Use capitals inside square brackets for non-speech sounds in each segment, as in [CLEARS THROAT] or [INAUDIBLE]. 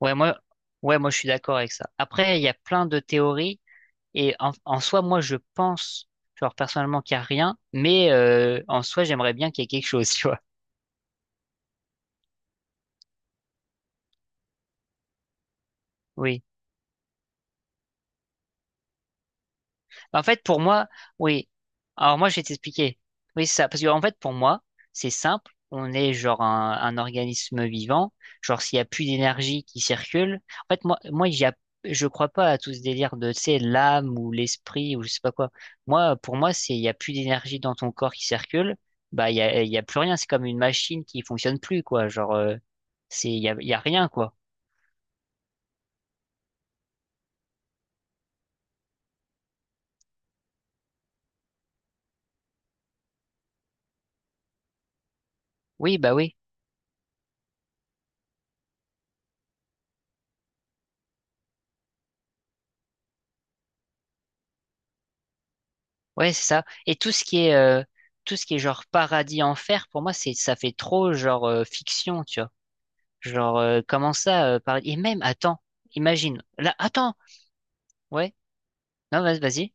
Ouais, moi, ouais, moi, je suis d'accord avec ça. Après, il y a plein de théories et en soi, moi, je pense, genre, personnellement, qu'il n'y a rien, mais en soi, j'aimerais bien qu'il y ait quelque chose, [LAUGHS] tu vois. Oui. Bah, en fait, pour moi, oui. Alors moi, je vais t'expliquer. Oui, c'est ça. Parce que en fait, pour moi, c'est simple. On est genre un organisme vivant. Genre, s'il n'y a plus d'énergie qui circule. En fait, je crois pas à tout ce délire de, tu sais, l'âme ou l'esprit ou je sais pas quoi. Moi, pour moi, c'est il n'y a plus d'énergie dans ton corps qui circule. Bah, il y a plus rien. C'est comme une machine qui fonctionne plus, quoi. Genre, il y a rien, quoi. Oui, bah oui. Ouais, c'est ça. Et tout ce qui est genre paradis enfer, pour moi, c'est ça fait trop genre fiction, tu vois. Et même attends, imagine. Là, attends. Ouais. Non, vas-y.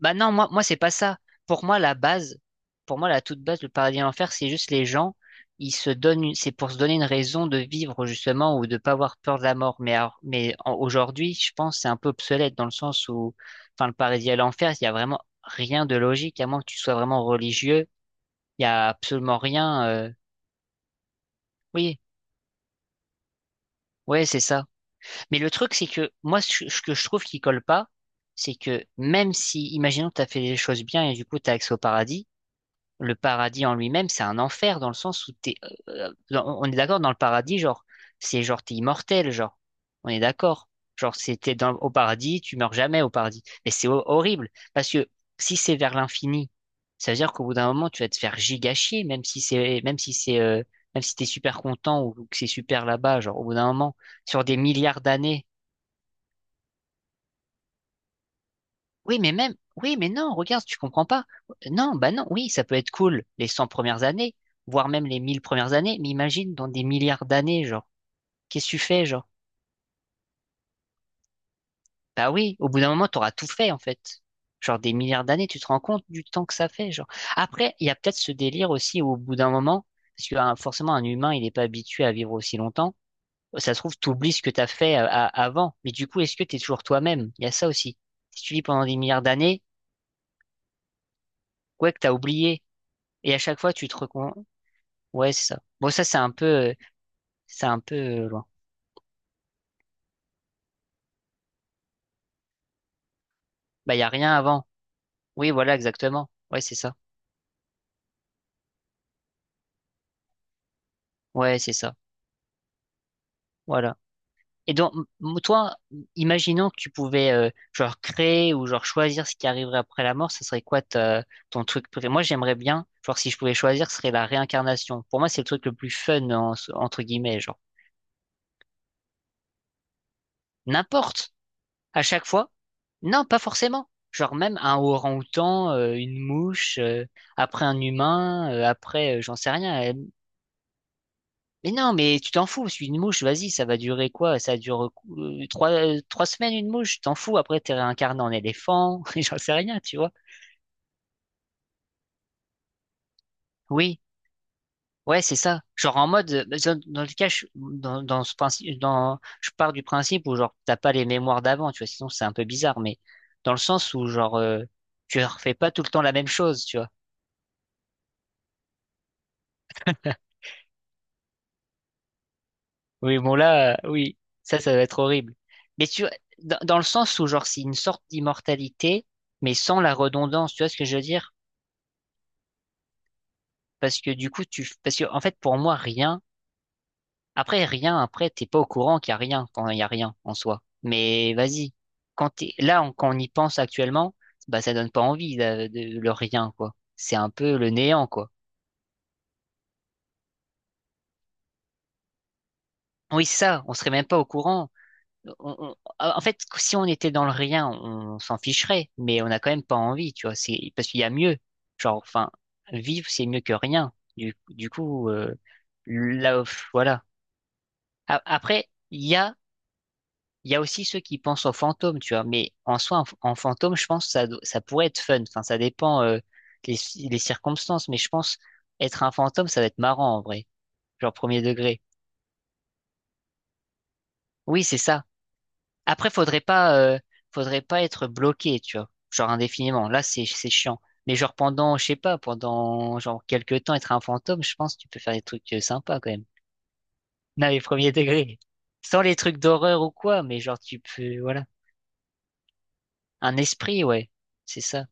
Bah non, moi, c'est pas ça. Pour moi, la base, pour moi, la toute base, le paradis et l'enfer, c'est juste les gens, ils se donnent, c'est pour se donner une raison de vivre, justement, ou de pas avoir peur de la mort. Aujourd'hui, je pense, que c'est un peu obsolète dans le sens où, enfin, le paradis et l'enfer, il y a vraiment rien de logique, à moins que tu sois vraiment religieux. Il y a absolument rien, oui, ouais, c'est ça. Mais le truc, c'est que, moi, ce que je trouve qui colle pas, c'est que même si, imaginons que t'as fait les choses bien et du coup, t'as accès au paradis, le paradis en lui-même, c'est un enfer dans le sens où t'es, on est d'accord dans le paradis, genre, c'est genre t'es immortel, genre, on est d'accord. Genre, c'était au paradis, tu meurs jamais au paradis. Mais c'est horrible parce que si c'est vers l'infini, ça veut dire qu'au bout d'un moment, tu vas te faire giga chier, même si c'est, même si t'es super content ou que c'est super là-bas, genre, au bout d'un moment, sur des milliards d'années, oui, mais même, oui, mais non, regarde, tu comprends pas. Non, bah non, oui, ça peut être cool les 100 premières années, voire même les 1000 premières années, mais imagine dans des milliards d'années, genre, qu'est-ce que tu fais, genre? Bah oui, au bout d'un moment, t'auras tout fait, en fait. Genre, des milliards d'années, tu te rends compte du temps que ça fait, genre. Après, il y a peut-être ce délire aussi où, au bout d'un moment, parce que hein, forcément, un humain, il n'est pas habitué à vivre aussi longtemps. Ça se trouve, t'oublies ce que t'as fait avant. Mais du coup, est-ce que t'es toujours toi-même? Il y a ça aussi. Si tu vis pendant des milliards d'années, quoi que t'as oublié. Et à chaque fois, tu te recon... Ouais, c'est ça. Bon, ça, c'est un peu loin. Bah, y a rien avant. Oui, voilà, exactement. Ouais, c'est ça. Ouais, c'est ça. Voilà. Et donc, toi, imaginons que tu pouvais, genre, créer ou genre choisir ce qui arriverait après la mort, ça serait quoi ton truc préféré? Moi, j'aimerais bien, genre, si je pouvais choisir, ce serait la réincarnation. Pour moi, c'est le truc le plus fun, entre guillemets, genre. N'importe. À chaque fois. Non, pas forcément. Genre, même un orang-outan, une mouche, après un humain, après, j'en sais rien. Mais non, mais tu t'en fous, parce qu'une mouche, vas-y, ça va durer quoi? Ça dure 3 semaines, une mouche, t'en fous, après t'es réincarné en éléphant, [LAUGHS] j'en sais rien, tu vois. Oui, ouais, c'est ça. Genre en mode, dans le cas, dans ce principe, je pars du principe où genre t'as pas les mémoires d'avant, tu vois, sinon c'est un peu bizarre, mais dans le sens où genre tu refais pas tout le temps la même chose, tu vois. Oui, bon là, oui, ça va être horrible. Mais tu vois, dans le sens où genre c'est une sorte d'immortalité, mais sans la redondance, tu vois ce que je veux dire? Parce que du coup, parce que, en fait, pour moi, rien, après, rien, après, t'es pas au courant qu'il y a rien quand il y a rien en soi. Mais vas-y. Quand on y pense actuellement, bah, ça donne pas envie, le rien, quoi. C'est un peu le néant, quoi. Oui, ça, on serait même pas au courant. En fait, si on était dans le rien, on s'en ficherait, mais on a quand même pas envie, tu vois. C'est, parce qu'il y a mieux. Genre, enfin, vivre, c'est mieux que rien. Du coup, là, pff, voilà. Après, il y a aussi ceux qui pensent aux fantômes, tu vois, mais en soi, en fantôme, je pense que ça pourrait être fun. Enfin, ça dépend les circonstances, mais je pense être un fantôme, ça va être marrant en vrai, genre premier degré. Oui, c'est ça. Après, faudrait pas être bloqué, tu vois, genre indéfiniment. Là, c'est chiant. Mais genre pendant, je sais pas, pendant genre quelques temps, être un fantôme, je pense que tu peux faire des trucs sympas quand même. [LAUGHS] Non, les premiers degrés. Sans les trucs d'horreur ou quoi, mais genre tu peux, voilà, un esprit, ouais, c'est ça.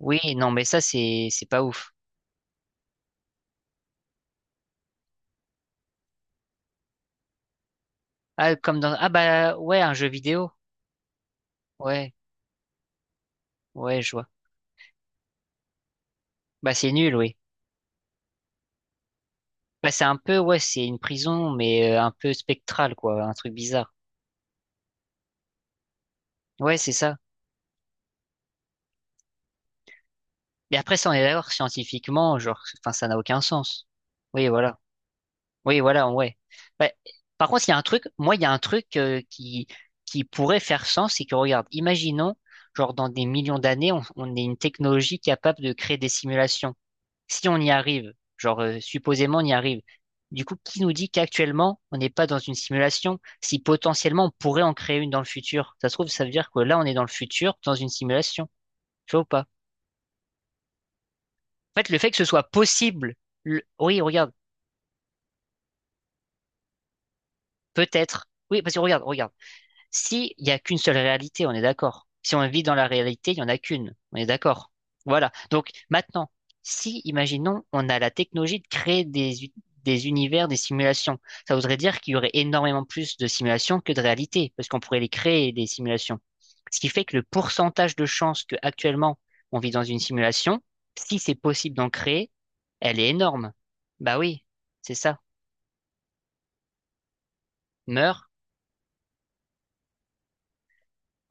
Oui, non, mais ça, c'est pas ouf. Ah, comme dans... Ah bah ouais, un jeu vidéo. Ouais, ouais, je vois. Bah c'est nul, oui. Bah c'est un peu, ouais, c'est une prison, mais un peu spectrale, quoi, un truc bizarre. Ouais, c'est ça. Et après, ça, on est d'accord, scientifiquement, genre, enfin, ça n'a aucun sens. Oui, voilà. Oui, voilà, ouais. Bah, par contre, il y a un truc, moi, il y a un truc qui pourrait faire sens, c'est que, regarde, imaginons, genre, dans des millions d'années, on est une technologie capable de créer des simulations. Si on y arrive, genre supposément on y arrive, du coup, qui nous dit qu'actuellement on n'est pas dans une simulation, si potentiellement on pourrait en créer une dans le futur? Ça se trouve, ça veut dire que là on est dans le futur, dans une simulation. Tu vois ou pas? En fait, le fait que ce soit possible, oui, regarde, peut-être. Oui, parce que regarde, regarde. Si il n'y a qu'une seule réalité, on est d'accord. Si on vit dans la réalité, il n'y en a qu'une. On est d'accord. Voilà. Donc maintenant, si, imaginons, on a la technologie de créer des univers, des simulations, ça voudrait dire qu'il y aurait énormément plus de simulations que de réalités, parce qu'on pourrait les créer, des simulations. Ce qui fait que le pourcentage de chances que actuellement on vit dans une simulation, si c'est possible d'en créer, elle est énorme. Bah oui, c'est ça. Meurt.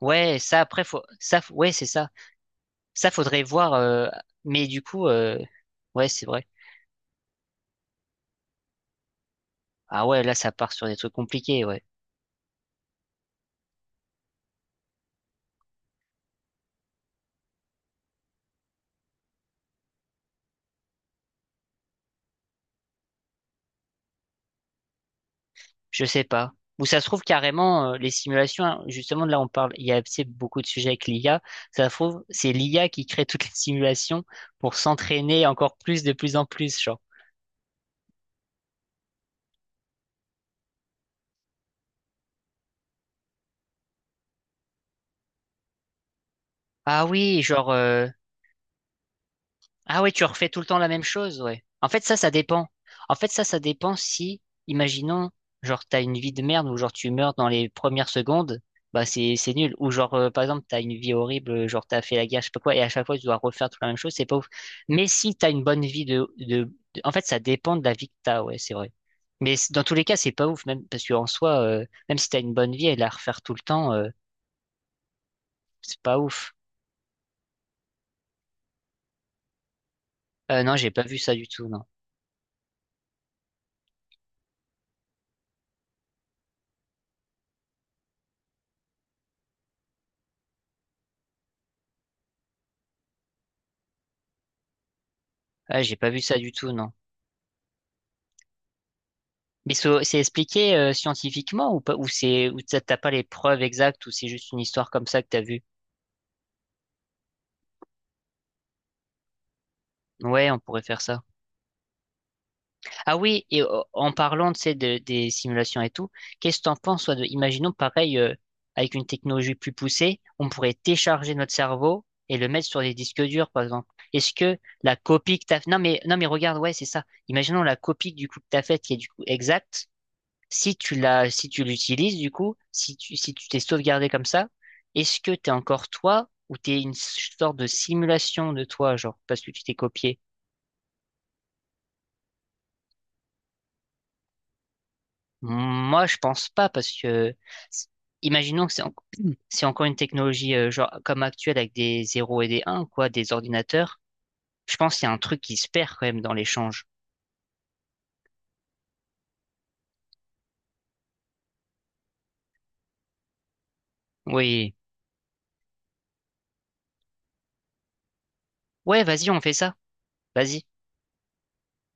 Ouais, ça après faut ouais, c'est ça. Ça, faudrait voir. Mais du coup, ouais, c'est vrai. Ah ouais, là, ça part sur des trucs compliqués, ouais. Je sais pas. Ou ça se trouve carrément, les simulations, hein, justement, là, on parle, il y a tu beaucoup de sujets avec l'IA. Ça se trouve, c'est l'IA qui crée toutes les simulations pour s'entraîner encore plus, de plus en plus, genre. Ah oui, Ah ouais, tu refais tout le temps la même chose, ouais. En fait, ça dépend. En fait, ça dépend si, imaginons, genre, t'as une vie de merde ou genre tu meurs dans les premières secondes, bah c'est nul. Ou genre, par exemple, t'as une vie horrible, genre t'as fait la guerre, je sais pas quoi, et à chaque fois tu dois refaire toute la même chose, c'est pas ouf. Mais si t'as une bonne vie En fait, ça dépend de la vie que t'as, ouais, c'est vrai. Mais dans tous les cas, c'est pas ouf, même parce qu'en soi, même si t'as une bonne vie et la refaire tout le temps, c'est pas ouf. Non, j'ai pas vu ça du tout, non. Ah, j'ai pas vu ça du tout, non. Mais c'est expliqué scientifiquement ou pas, ou t'as pas les preuves exactes ou c'est juste une histoire comme ça que t'as vue? Ouais, on pourrait faire ça. Ah oui, et en parlant, tu sais, des simulations et tout, qu'est-ce que t'en penses, toi, imaginons pareil, avec une technologie plus poussée, on pourrait télécharger notre cerveau et le mettre sur des disques durs, par exemple. Est-ce que la copie que t'as, non mais, non mais regarde, ouais, c'est ça. Imaginons la copie du coup que t'as faite qui est du coup exacte. Si tu l'as, si tu l'utilises, du coup, si tu t'es sauvegardé comme ça, est-ce que t'es encore toi ou t'es une sorte de simulation de toi, genre, parce que tu t'es copié? Moi, je pense pas parce que, s- imaginons que [CLEARS THROAT] c'est encore une technologie, genre, comme actuelle avec des zéros et des 1, quoi, des ordinateurs. Je pense qu'il y a un truc qui se perd quand même dans l'échange. Oui. Ouais, vas-y, on fait ça. Vas-y.